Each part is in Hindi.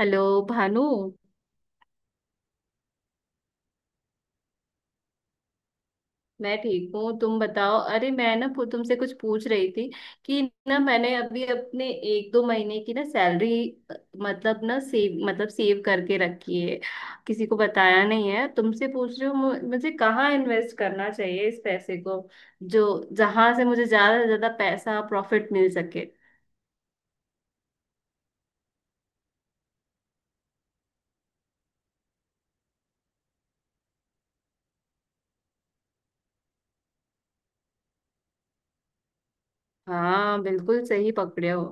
हेलो भानु। मैं ठीक हूँ तुम बताओ। अरे मैं ना तुमसे कुछ पूछ रही थी कि ना मैंने अभी अपने एक दो महीने की ना सैलरी मतलब ना सेव मतलब सेव करके रखी है। किसी को बताया नहीं है तुमसे पूछ रही हूँ, मुझे कहाँ इन्वेस्ट करना चाहिए इस पैसे को, जो जहां से मुझे ज्यादा से ज्यादा पैसा प्रॉफिट मिल सके। हाँ, बिल्कुल सही पकड़े हो।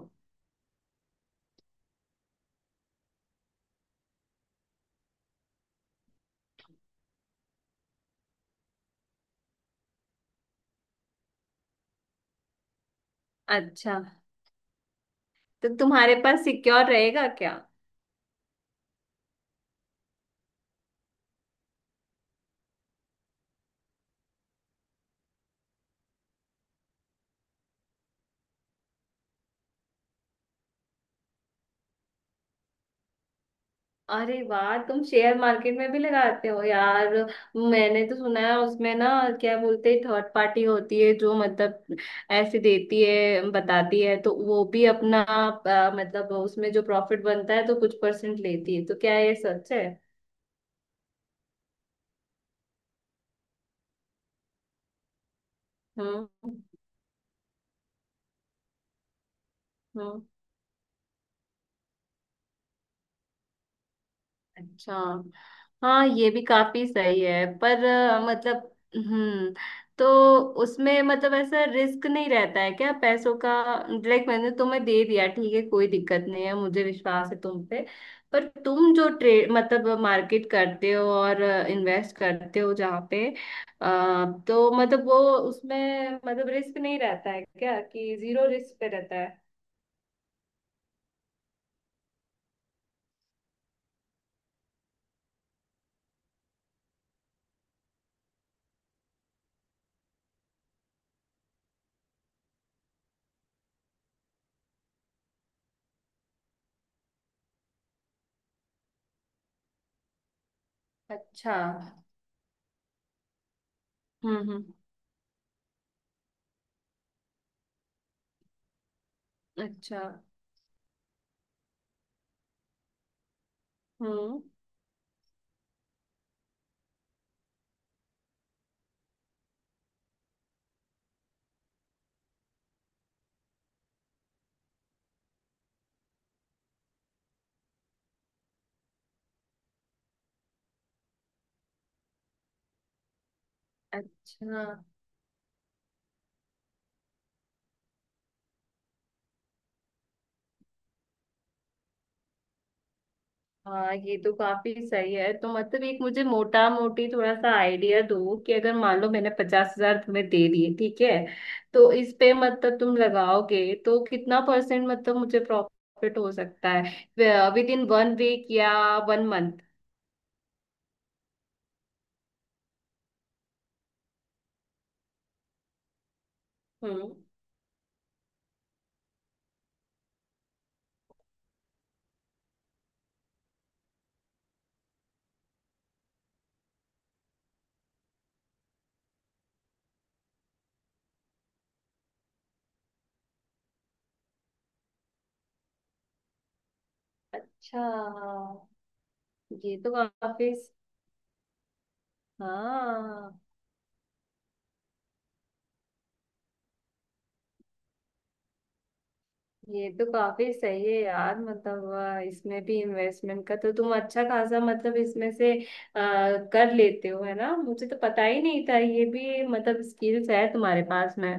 अच्छा, तो तुम्हारे पास सिक्योर रहेगा क्या? अरे वाह, तुम शेयर मार्केट में भी लगाते हो यार। मैंने तो सुना है उसमें ना क्या बोलते हैं थर्ड पार्टी होती है जो मतलब ऐसे देती है बताती है, तो वो भी अपना मतलब उसमें जो प्रॉफिट बनता है तो कुछ परसेंट लेती है, तो क्या ये सच है? हम्म, हम्म, अच्छा। हाँ ये भी काफी सही है, पर मतलब तो उसमें मतलब ऐसा रिस्क नहीं रहता है क्या पैसों का? लाइक मैंने तुम्हें दे दिया, ठीक है कोई दिक्कत नहीं है, मुझे विश्वास है तुम पे। पर तुम जो ट्रेड मतलब मार्केट करते हो और इन्वेस्ट करते हो जहाँ पे अ, तो मतलब वो उसमें मतलब रिस्क नहीं रहता है क्या, कि जीरो रिस्क पे रहता है? अच्छा। हम्म, हम्म, अच्छा। हम्म, अच्छा। हाँ ये तो काफी सही है। तो मतलब एक मुझे मोटा मोटी थोड़ा सा आइडिया दो कि अगर मान लो मैंने पचास हजार तुम्हें दे दिए, ठीक है? तो इस पे मतलब तुम लगाओगे तो कितना परसेंट मतलब मुझे प्रॉफिट हो सकता है विद इन वन वीक या वन मंथ? हम्म। अच्छा। ये तो काफी हाँ, ये तो काफी सही है यार। मतलब इसमें भी इन्वेस्टमेंट का तो तुम अच्छा खासा मतलब इसमें से अ, कर लेते हो है ना, मुझे तो पता ही नहीं था ये भी मतलब स्किल्स है तुम्हारे पास में।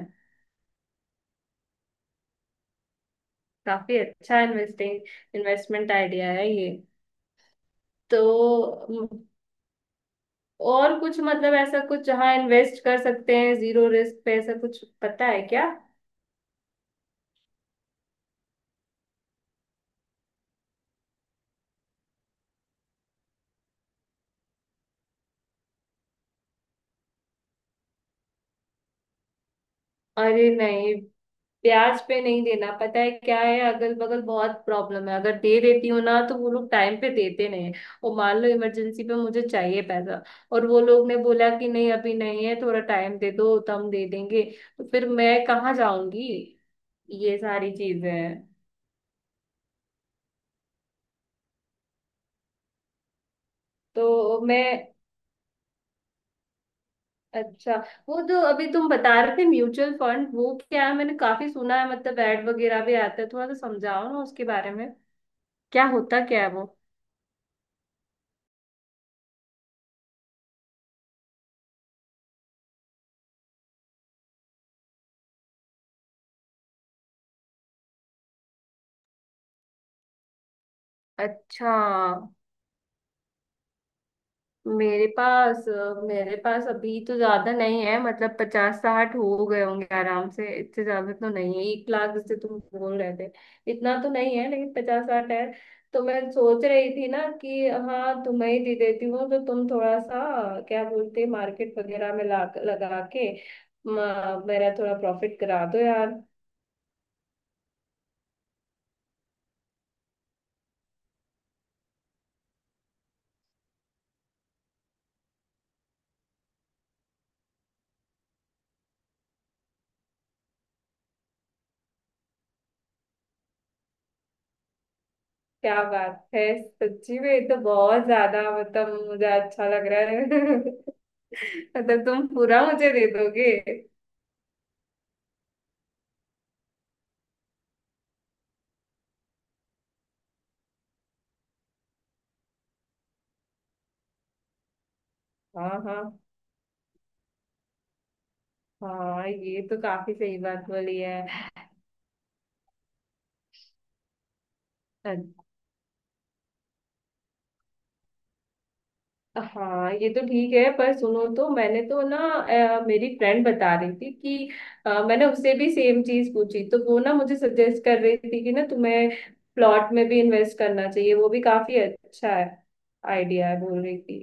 काफी अच्छा इन्वेस्टिंग इन्वेस्टमेंट आइडिया है ये। तो म, और कुछ मतलब ऐसा कुछ जहाँ इन्वेस्ट कर सकते हैं जीरो रिस्क पे, ऐसा कुछ पता है क्या? अरे नहीं, प्याज पे नहीं देना, पता है क्या है अगल बगल बहुत प्रॉब्लम है, अगर दे देती हूँ ना तो वो लोग टाइम पे देते नहीं हैं। और मान लो इमरजेंसी पे मुझे चाहिए पैसा और वो लोग ने बोला कि नहीं अभी नहीं है, थोड़ा टाइम दे दो तो हम दे देंगे, तो फिर मैं कहाँ जाऊंगी? ये सारी चीजें हैं। तो मैं अच्छा, वो जो अभी तुम बता रहे थे म्यूचुअल फंड वो क्या है? मैंने काफी सुना है, मतलब एड वगैरह भी आता है, थोड़ा सा समझाओ ना उसके बारे में, क्या होता क्या है वो? अच्छा। मेरे पास मेरे पास अभी तो ज्यादा नहीं है, मतलब पचास साठ हो गए होंगे आराम से, इतने ज्यादा तो नहीं है एक लाख जैसे तुम बोल रहे थे, इतना तो नहीं है लेकिन पचास साठ है। तो मैं सोच रही थी ना कि हाँ तुम्हें ही दे देती हूँ, तो तुम थोड़ा सा क्या बोलते मार्केट वगैरह में ला लगा के मेरा थोड़ा प्रॉफिट करा दो यार। क्या बात है, सच्ची में ये तो बहुत ज्यादा मतलब मुझे अच्छा लग रहा है मतलब तुम पूरा मुझे दे दोगे? हाँ, हाँ। हाँ ये तो काफी सही बात बोली है। अ- हाँ ये तो ठीक है, पर सुनो तो मैंने तो ना मेरी फ्रेंड बता रही थी कि मैंने उससे भी सेम चीज पूछी, तो वो ना मुझे सजेस्ट कर रही थी कि ना तुम्हें प्लॉट में भी इन्वेस्ट करना चाहिए, वो भी काफी अच्छा है आइडिया है बोल रही थी।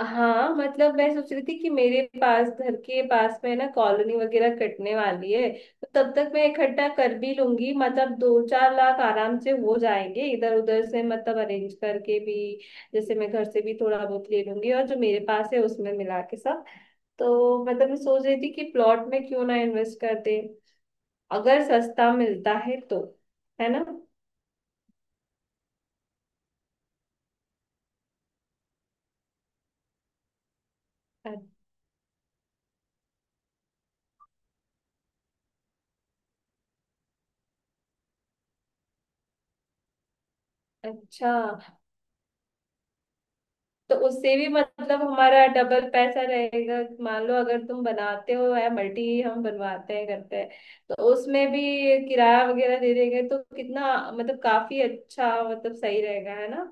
हाँ मतलब मैं सोच रही थी कि मेरे पास घर के पास में ना कॉलोनी वगैरह कटने वाली है। तो तब तक मैं इकट्ठा कर भी लूंगी, मतलब दो चार लाख आराम से हो जाएंगे इधर उधर से मतलब अरेंज करके भी। जैसे मैं घर से भी थोड़ा बहुत ले लूंगी और जो मेरे पास है उसमें मिला के सब। तो मतलब मैं सोच रही थी कि प्लॉट में क्यों ना इन्वेस्ट कर दे अगर सस्ता मिलता है तो, है ना? अ- अच्छा। तो उससे भी मतलब हमारा डबल पैसा रहेगा। मान लो अगर तुम बनाते हो या मल्टी, हम बनवाते हैं करते हैं, तो उसमें भी किराया वगैरह दे देंगे तो कितना मतलब काफी अच्छा मतलब सही रहेगा है ना।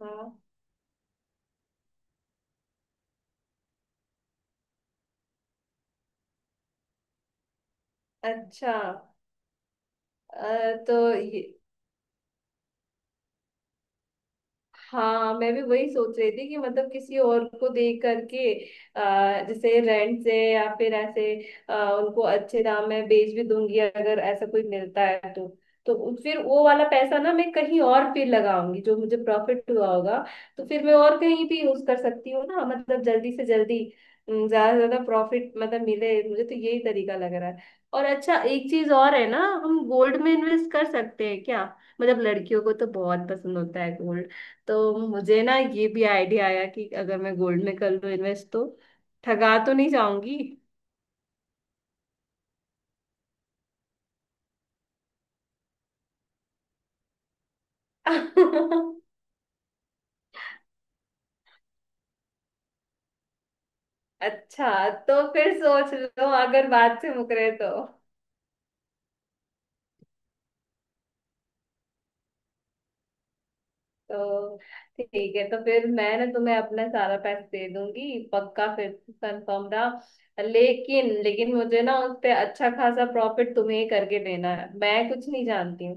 हाँ, अच्छा, अ, तो ये हाँ, मैं भी वही सोच रही थी कि मतलब किसी और को देख करके जैसे रेंट से या फिर ऐसे उनको अच्छे दाम में बेच भी दूंगी, अगर ऐसा कोई मिलता है तो। तो फिर वो वाला पैसा ना मैं कहीं और फिर लगाऊंगी जो मुझे प्रॉफिट हुआ होगा। तो फिर मैं और कहीं भी यूज कर सकती हूँ ना, मतलब जल्दी से जल्दी ज्यादा से ज्यादा प्रॉफिट मतलब मिले मुझे, तो यही तरीका लग रहा है। और अच्छा एक चीज और है ना, हम गोल्ड में इन्वेस्ट कर सकते हैं क्या? मतलब लड़कियों को तो बहुत पसंद होता है। तो मुझे ना ये भी आइडिया आया कि अगर मैं गोल्ड में कर लूँ इन्वेस्ट तो ठगा तो नहीं जाऊंगी? अच्छा, तो फिर सोच लो अगर बात से मुकरे तो। तो ठीक है, तो फिर मैं ना तुम्हें अपना सारा पैसा दे दूंगी पक्का, फिर कंफर्म रहा, लेकिन लेकिन मुझे ना उस पे अच्छा खासा प्रॉफिट तुम्हें ही करके देना है, मैं कुछ नहीं जानती।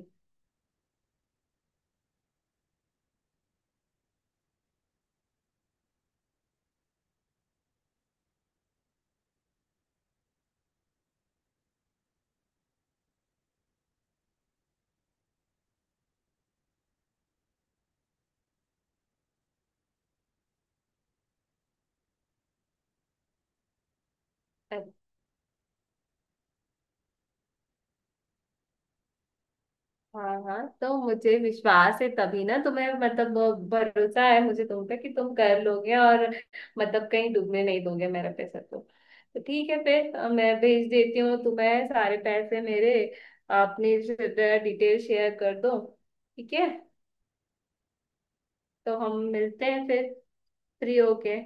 हूँ। हाँ, हाँ, तो मुझे विश्वास है तभी ना तुम्हें, मतलब भरोसा है मुझे तुम पे कि तुम कर लोगे और मतलब कहीं डूबने नहीं दोगे मेरा पैसा, तो ठीक है फिर। मैं भेज देती हूँ तुम्हें सारे पैसे मेरे, अपनी डिटेल शेयर कर दो, ठीक है। तो हम मिलते हैं फिर, फ्री होके।